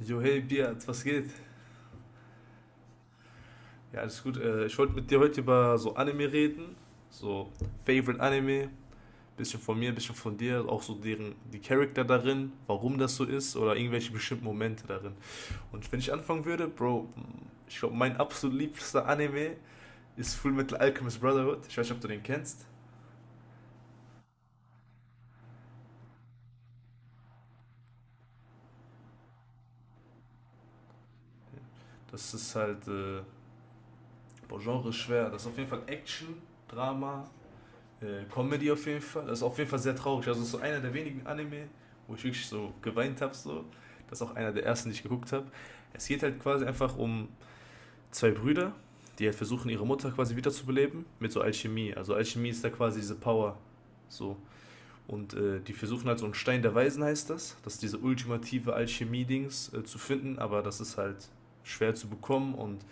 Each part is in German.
Jo, hey Biat, was geht? Ja, alles gut. Ich wollte mit dir heute über so Anime reden. So, Favorite Anime. Bisschen von mir, bisschen von dir. Auch so deren, die Charakter darin, warum das so ist oder irgendwelche bestimmten Momente darin. Und wenn ich anfangen würde, Bro, ich glaube, mein absolut liebster Anime ist Fullmetal Alchemist Brotherhood. Ich weiß nicht, ob du den kennst. Das ist halt, boah, Genre ist schwer. Das ist auf jeden Fall Action, Drama, Comedy auf jeden Fall. Das ist auf jeden Fall sehr traurig. Also, so einer der wenigen Anime, wo ich wirklich so geweint habe. So. Das ist auch einer der ersten, die ich geguckt habe. Es geht halt quasi einfach um zwei Brüder, die halt versuchen, ihre Mutter quasi wiederzubeleben mit so Alchemie. Also, Alchemie ist da quasi diese Power. So. Und die versuchen halt so einen Stein der Weisen, heißt das. Das ist diese ultimative Alchemie-Dings zu finden, aber das ist halt schwer zu bekommen und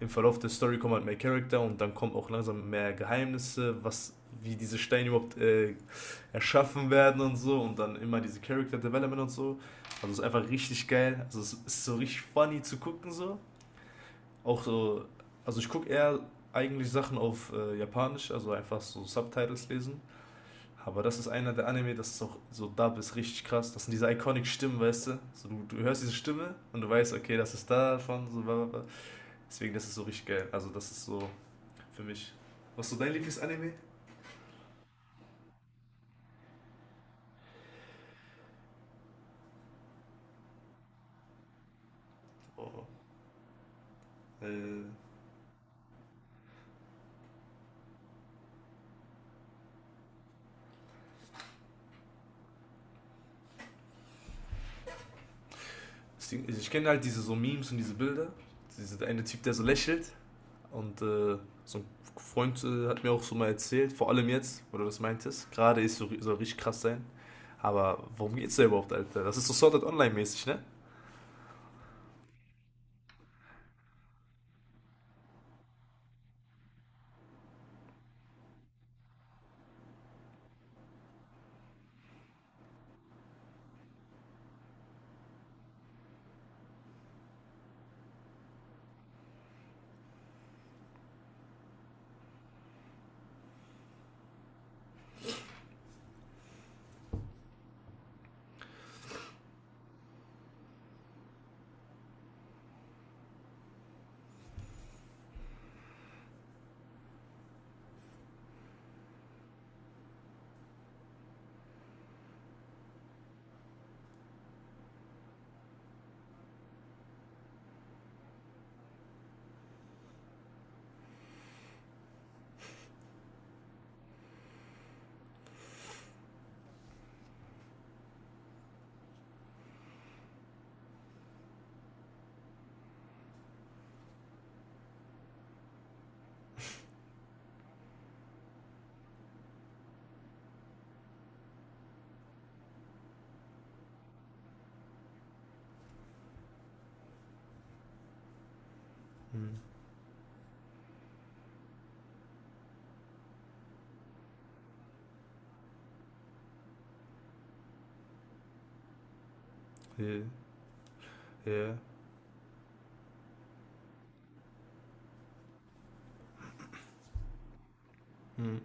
im Verlauf der Story kommen halt mehr Charakter und dann kommen auch langsam mehr Geheimnisse, was wie diese Steine überhaupt erschaffen werden und so und dann immer diese Character Development und so. Also es ist einfach richtig geil. Also es ist so richtig funny zu gucken so. Auch so, also ich gucke eher eigentlich Sachen auf Japanisch, also einfach so Subtitles lesen. Aber das ist einer der Anime, das ist auch so Dub ist richtig krass. Das sind diese iconic Stimmen, weißt du? So, du hörst diese Stimme und du weißt, okay, das ist davon, so bla bla. Deswegen, das ist so richtig geil. Also das ist so für mich. Was ist so dein Lieblingsanime? Oh. Äh, ich kenne halt diese so Memes und diese Bilder. Dieser eine Typ, der so lächelt. Und so ein Freund hat mir auch so mal erzählt, vor allem jetzt, wo du das meintest. Gerade ist so, soll richtig krass sein. Aber worum geht's da überhaupt, Alter? Das ist so Sword Art Online-mäßig, ne? Hm. Ja. Ja. Hm.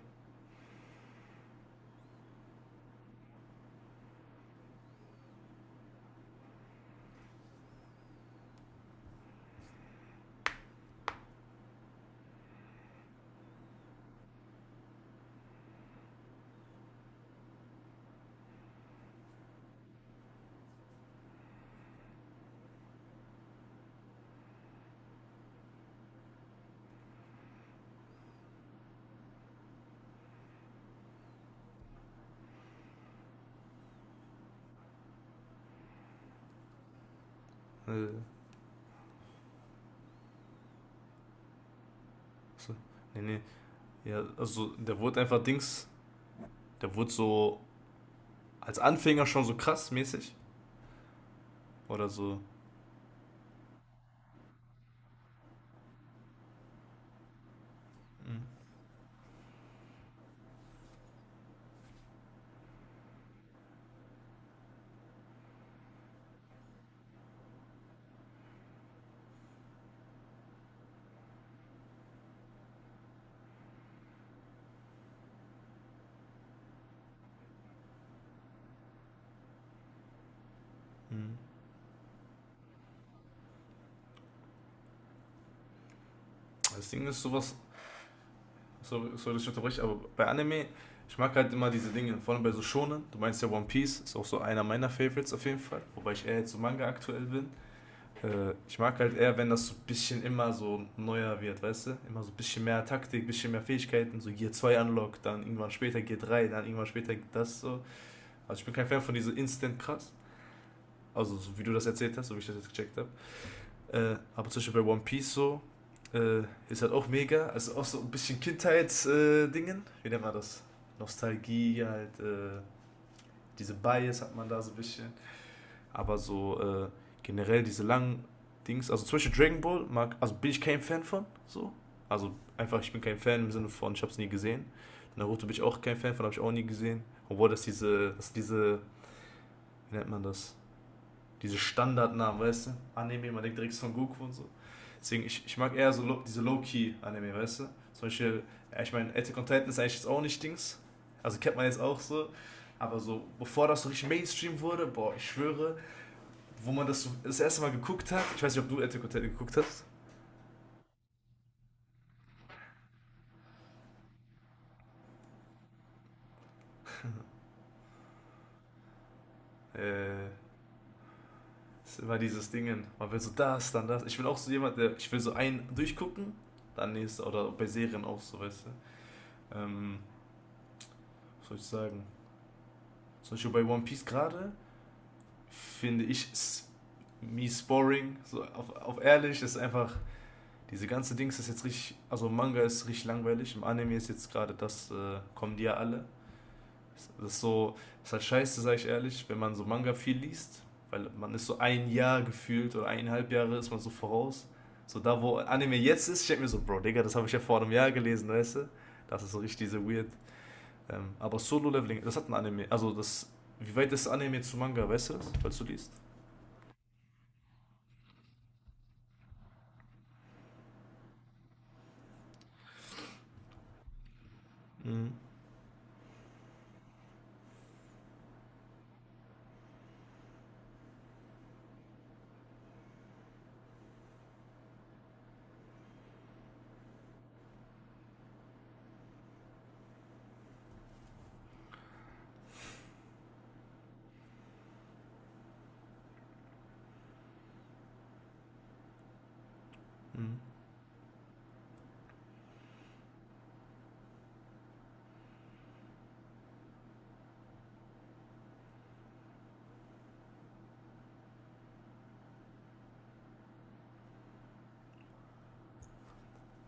Äh, so. Nee, nee. Ja, also der wurde einfach Dings. Der wurde so als Anfänger schon so krass mäßig. Oder so. Hm. Hm. Das Ding ist sowas, sorry, sorry dass ich unterbreche, aber bei Anime, ich mag halt immer diese Dinge, vor allem bei so Shonen. Du meinst ja One Piece, ist auch so einer meiner Favorites auf jeden Fall, wobei ich eher jetzt so Manga aktuell bin. Ich mag halt eher, wenn das so ein bisschen immer so neuer wird, weißt du? Immer so ein bisschen mehr Taktik, ein bisschen mehr Fähigkeiten, so Gear 2 Unlock, dann irgendwann später Gear 3, dann irgendwann später das so. Also ich bin kein Fan von diese Instant krass, also so wie du das erzählt hast, so wie ich das jetzt gecheckt habe. Aber zum Beispiel bei One Piece so, äh, ist halt auch mega. Also auch so ein bisschen Kindheitsdingen. Dingen. Wie nennt man das? Nostalgie, halt, diese Bias hat man da so ein bisschen. Aber so generell diese langen Dings, also zum Beispiel Dragon Ball, mag, also bin ich kein Fan von, so. Also einfach, ich bin kein Fan im Sinne von, ich hab's nie gesehen. Naruto bin ich auch kein Fan von, habe ich auch nie gesehen. Obwohl das diese, wie nennt man das? Diese Standardnamen, weißt du? Anime, man denkt direkt von Goku und so. Deswegen, ich mag eher so low, diese Low-Key-Anime, weißt du? Zum Beispiel, ja, ich meine, Attack on Titan ist eigentlich jetzt auch nicht Dings. Also kennt man jetzt auch so. Aber so, bevor das so richtig Mainstream wurde, boah, ich schwöre, wo man das so das erste Mal geguckt hat, ich weiß nicht, ob du Attack on Titan geguckt hast. äh, ist immer dieses Dingen. Man will so das, dann das. Ich will auch so jemand, der, ich will so einen durchgucken, dann nächste, oder bei Serien auch so, weißt du. Ähm, was soll ich sagen? Zum Beispiel bei One Piece gerade, finde ich, mies boring, so auf ehrlich, ist einfach, diese ganze Dings ist jetzt richtig, also Manga ist richtig langweilig, im Anime ist jetzt gerade das, kommen die ja alle. Das ist so, ist halt scheiße, sag ich ehrlich, wenn man so Manga viel liest, weil man ist so ein Jahr gefühlt oder eineinhalb Jahre ist man so voraus. So da, wo Anime jetzt ist, ich denke mir so, Bro, Digga, das habe ich ja vor einem Jahr gelesen, weißt du? Das ist so richtig diese weird. Aber Solo-Leveling, das hat ein Anime, also das, wie weit ist Anime zu Manga, weißt du das, falls du liest? Mhm. Mhm.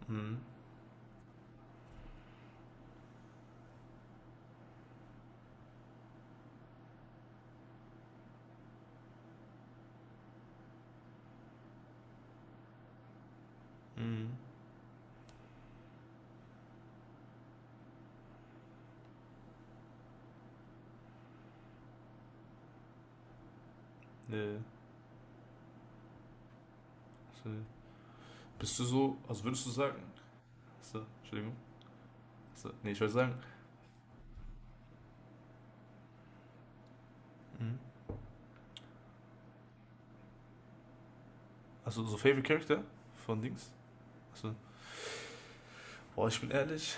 Mhm. Mhm. Nee. So. Bist du so, also würdest du sagen, so, Entschuldigung, so, nee, ich wollte sagen, mhm, also so Favorite Character von Dings? Also, boah, ich bin ehrlich,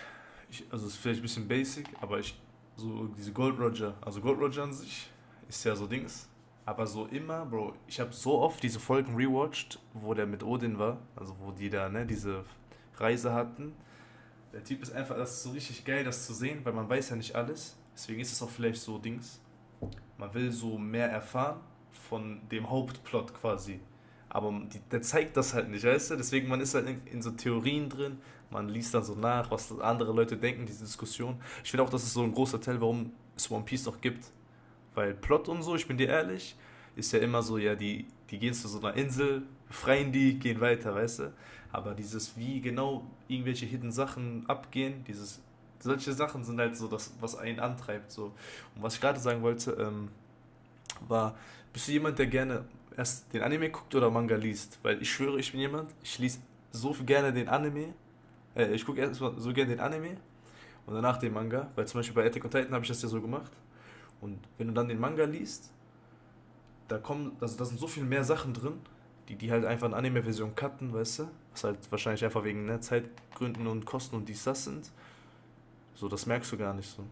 ich, also es ist vielleicht ein bisschen basic, aber ich, so diese Gold Roger, also Gold Roger an sich ist ja so Dings, aber so immer, Bro, ich habe so oft diese Folgen rewatcht, wo der mit Odin war, also wo die da, ne, diese Reise hatten. Der Typ ist einfach, das ist so richtig geil, das zu sehen, weil man weiß ja nicht alles, deswegen ist es auch vielleicht so Dings. Man will so mehr erfahren von dem Hauptplot quasi. Aber die, der zeigt das halt nicht, weißt du? Deswegen, man ist halt in so Theorien drin, man liest dann so nach, was andere Leute denken, diese Diskussion. Ich finde auch, das ist so ein großer Teil, warum es One Piece noch gibt. Weil Plot und so, ich bin dir ehrlich, ist ja immer so, ja, die gehen zu so einer Insel, befreien die, gehen weiter, weißt du? Aber dieses, wie genau irgendwelche hidden Sachen abgehen, dieses, solche Sachen sind halt so das, was einen antreibt, so. Und was ich gerade sagen wollte, war, bist du jemand, der gerne erst den Anime guckt oder Manga liest? Weil ich schwöre, ich bin jemand, ich lese so viel gerne den Anime, ich gucke erstmal so gerne den Anime und danach den Manga, weil zum Beispiel bei Attack on Titan habe ich das ja so gemacht. Und wenn du dann den Manga liest, da kommen, also da sind so viel mehr Sachen drin, die die halt einfach in Anime-Version cutten, weißt du? Was halt wahrscheinlich einfach wegen ne, Zeitgründen und Kosten und dies, das sind. So, das merkst du gar nicht so.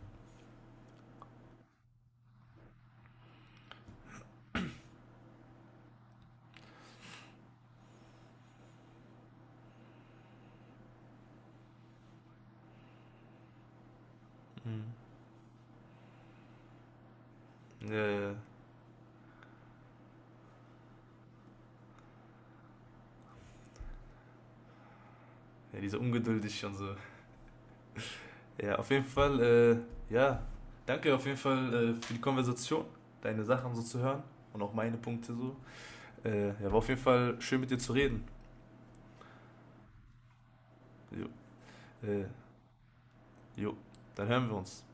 Ja, ja, ja. Ja, diese ungeduldig und so. Ja, auf jeden Fall, ja, danke auf jeden Fall für die Konversation, deine Sachen so zu hören und auch meine Punkte so. Ja, war auf jeden Fall schön mit dir zu reden. Jo, äh, jo. Dann hören wir uns.